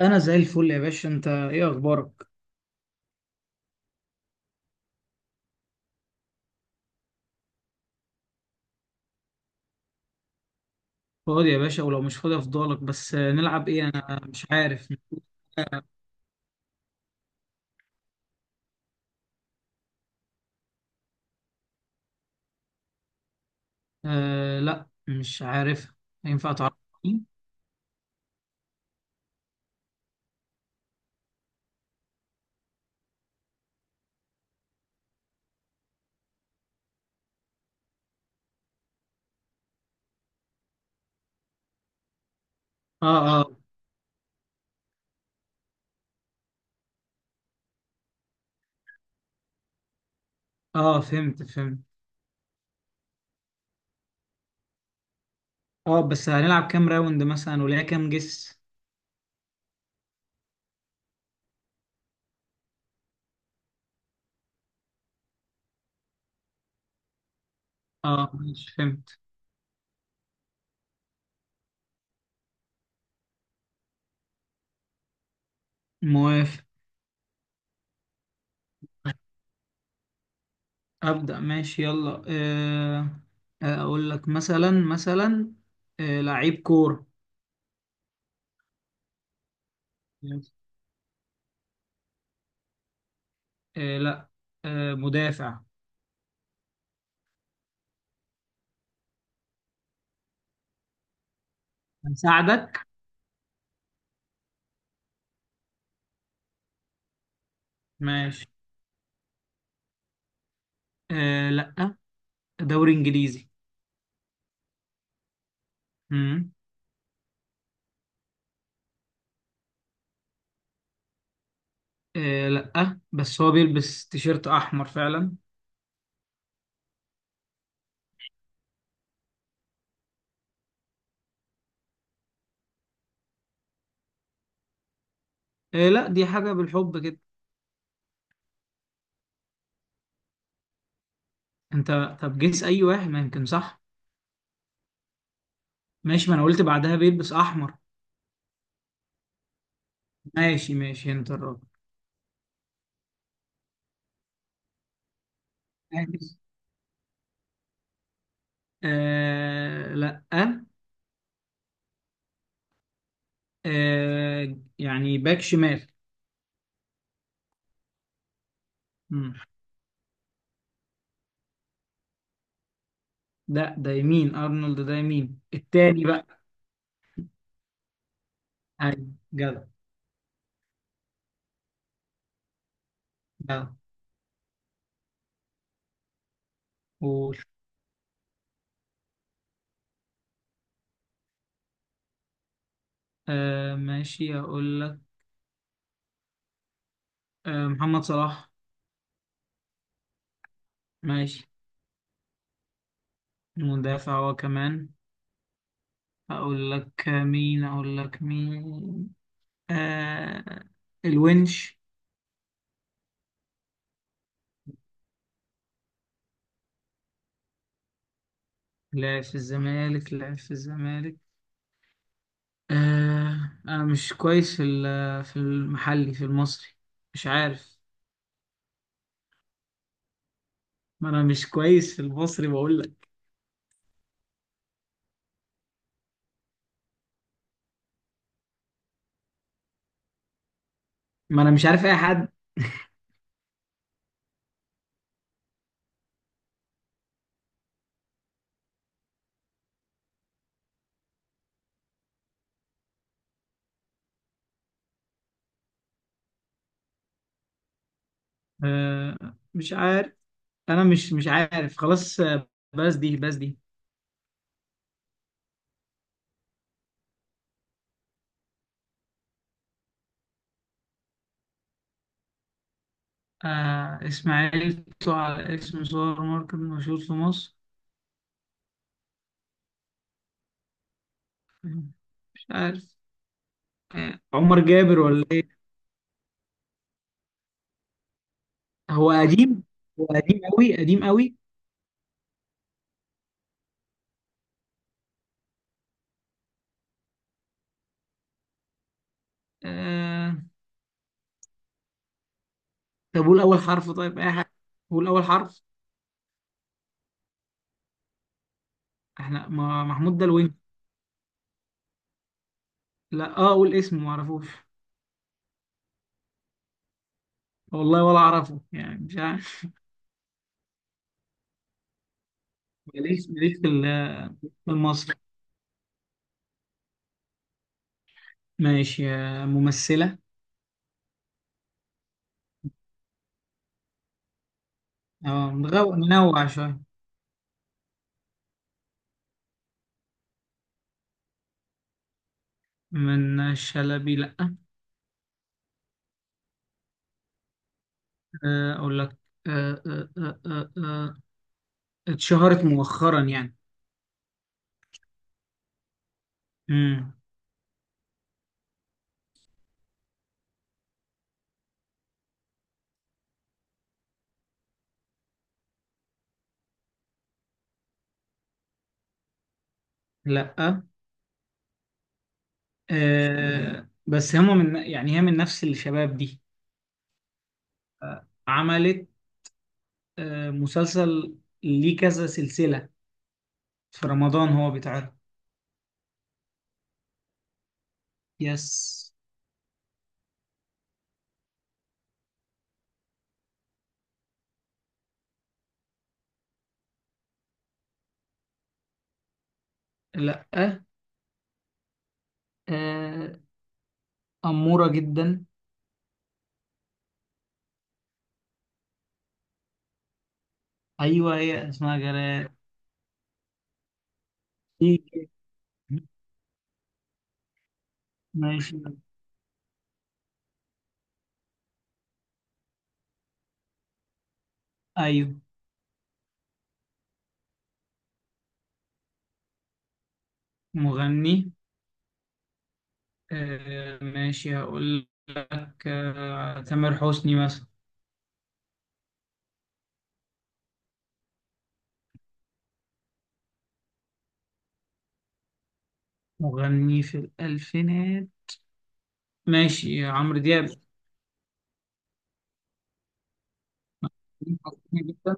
انا زي الفل يا باشا. انت ايه اخبارك؟ فاضي يا باشا، ولو مش فاضي افضلك. بس نلعب ايه؟ انا مش عارف. آه، لا، مش عارف. ينفع تعرفني؟ اه، اه. اه، فهمت فهمت. اه، بس هنلعب كام راوند مثلا؟ وليها كام جس؟ اه، ماشي، فهمت. موافق. ابدا، ماشي، يلا آه. اقول لك مثلا مثلا. آه، لعيب كورة. آه، لا. آه، مدافع. هساعدك. ماشي. آه، لا. دوري انجليزي. امم. آه، لا، بس هو بيلبس تيشيرت احمر فعلا. آه، لا، دي حاجه بالحب كده. انت طب جيس اي واحد، ما يمكن صح. ماشي، ما انا قلت بعدها بيلبس احمر. ماشي ماشي، انت الراجل. آه، لا. آه، يعني باك شمال. مم. ده يمين، ارنولد ده يمين التاني بقى. ايوه، جدع. جدع. قول. آه، ماشي، اقول لك. آه، محمد صلاح. ماشي. مدافع هو كمان. اقول لك مين، اقول لك مين؟ آه. الونش. لعب في الزمالك، لعب في الزمالك. آه، انا مش كويس في المحلي، في المصري. مش عارف. ما انا مش كويس في المصري بقول لك. ما انا مش عارف اي حد. آه. مش عارف. انا مش عارف خلاص. بس دي. آه، اسماعيل طلع على اسم سوبر ماركت مشهور في مصر؟ مش عارف. آه، عمر جابر ولا؟ هو قديم؟ هو قديم قوي، قديم قوي. آه. طب قول اول حرف. طيب اي حاجه، قول اول حرف. احنا ما... محمود ده الوينج. لا، قول اسمه ما اعرفوش. والله ولا اعرفه، يعني مش عارف. ماليش ماليش في المصري. ماشي. ممثله. اه ننوع شويه. من شلبي؟ لا. اقول لك. آه، آه، آه، آه، آه، اتشهرت مؤخرا يعني. امم. لا، بس هم من يعني هي من نفس الشباب دي. عملت. مسلسل. ليه كذا سلسلة. في رمضان هو بيتعرض. يس. لا، أمورة جدا. أيوة، هي اسمها جلال. إيه؟ ماشي. أيوة. مغني. ماشي، هقول لك تامر حسني مثلا. مغني في الألفينات؟ ماشي، عمرو دياب. حسني جدا.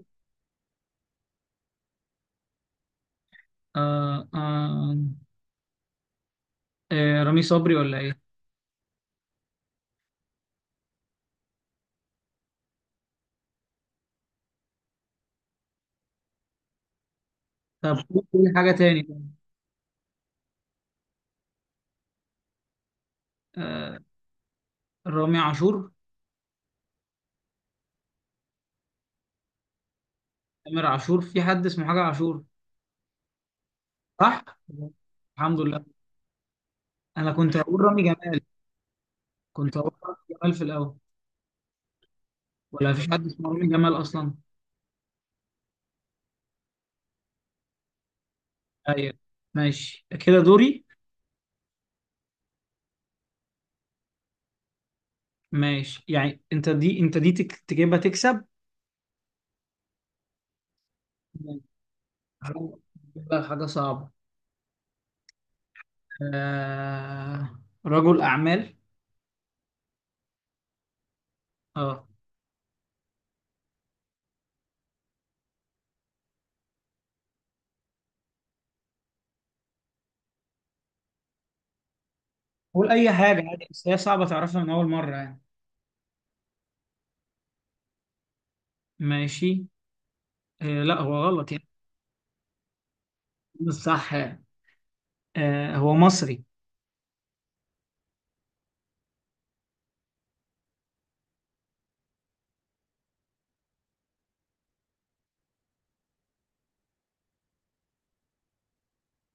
آه، آه. آه، رامي صبري ولا إيه؟ طب قول حاجة تاني. رامي عاشور؟ تامر عاشور؟ في حد اسمه حاجة عاشور؟ صح؟ الحمد لله. أنا كنت هقول رامي جمال. كنت هقول رامي جمال في الأول. ولا مفيش حد اسمه رامي جمال أصلا؟ أيوه. ماشي كده. دوري. ماشي، يعني أنت دي تجيبها تكسب. ماشي. هجيب لك حاجة صعبة. آه. رجل أعمال. أه قول أي حاجة عادي، بس هي صعبة تعرفها من أول مرة يعني. ماشي. آه، لا، هو غلط يعني. بس صح يعني. آه، هو مصري؟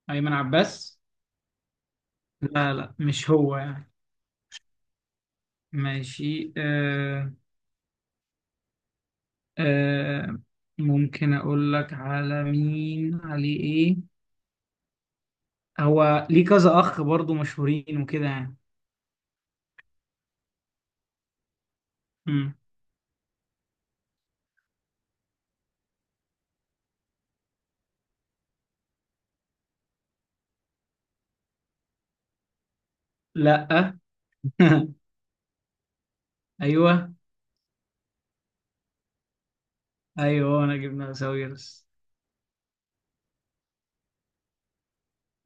أيمن عباس؟ لا، لا، مش هو يعني. ماشي. آه ممكن اقول لك على مين؟ عليه ايه؟ هو ليه كذا اخ برضو، مشهورين وكده يعني. مم. لا. ايوه. ايوه، انا جبنا ساويرس.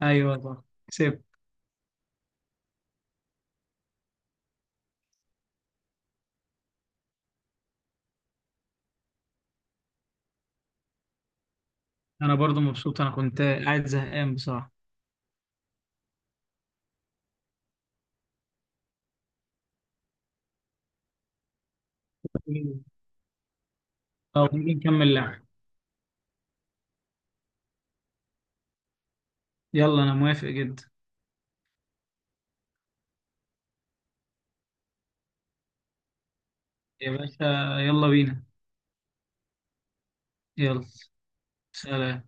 ايوه، صح. كسبت. انا برضو مبسوط، انا كنت قاعد زهقان بصراحه. مم. طب نيجي نكمل لعب. يلا، انا موافق جدا. يا باشا، يلا بينا. يلا. سلام.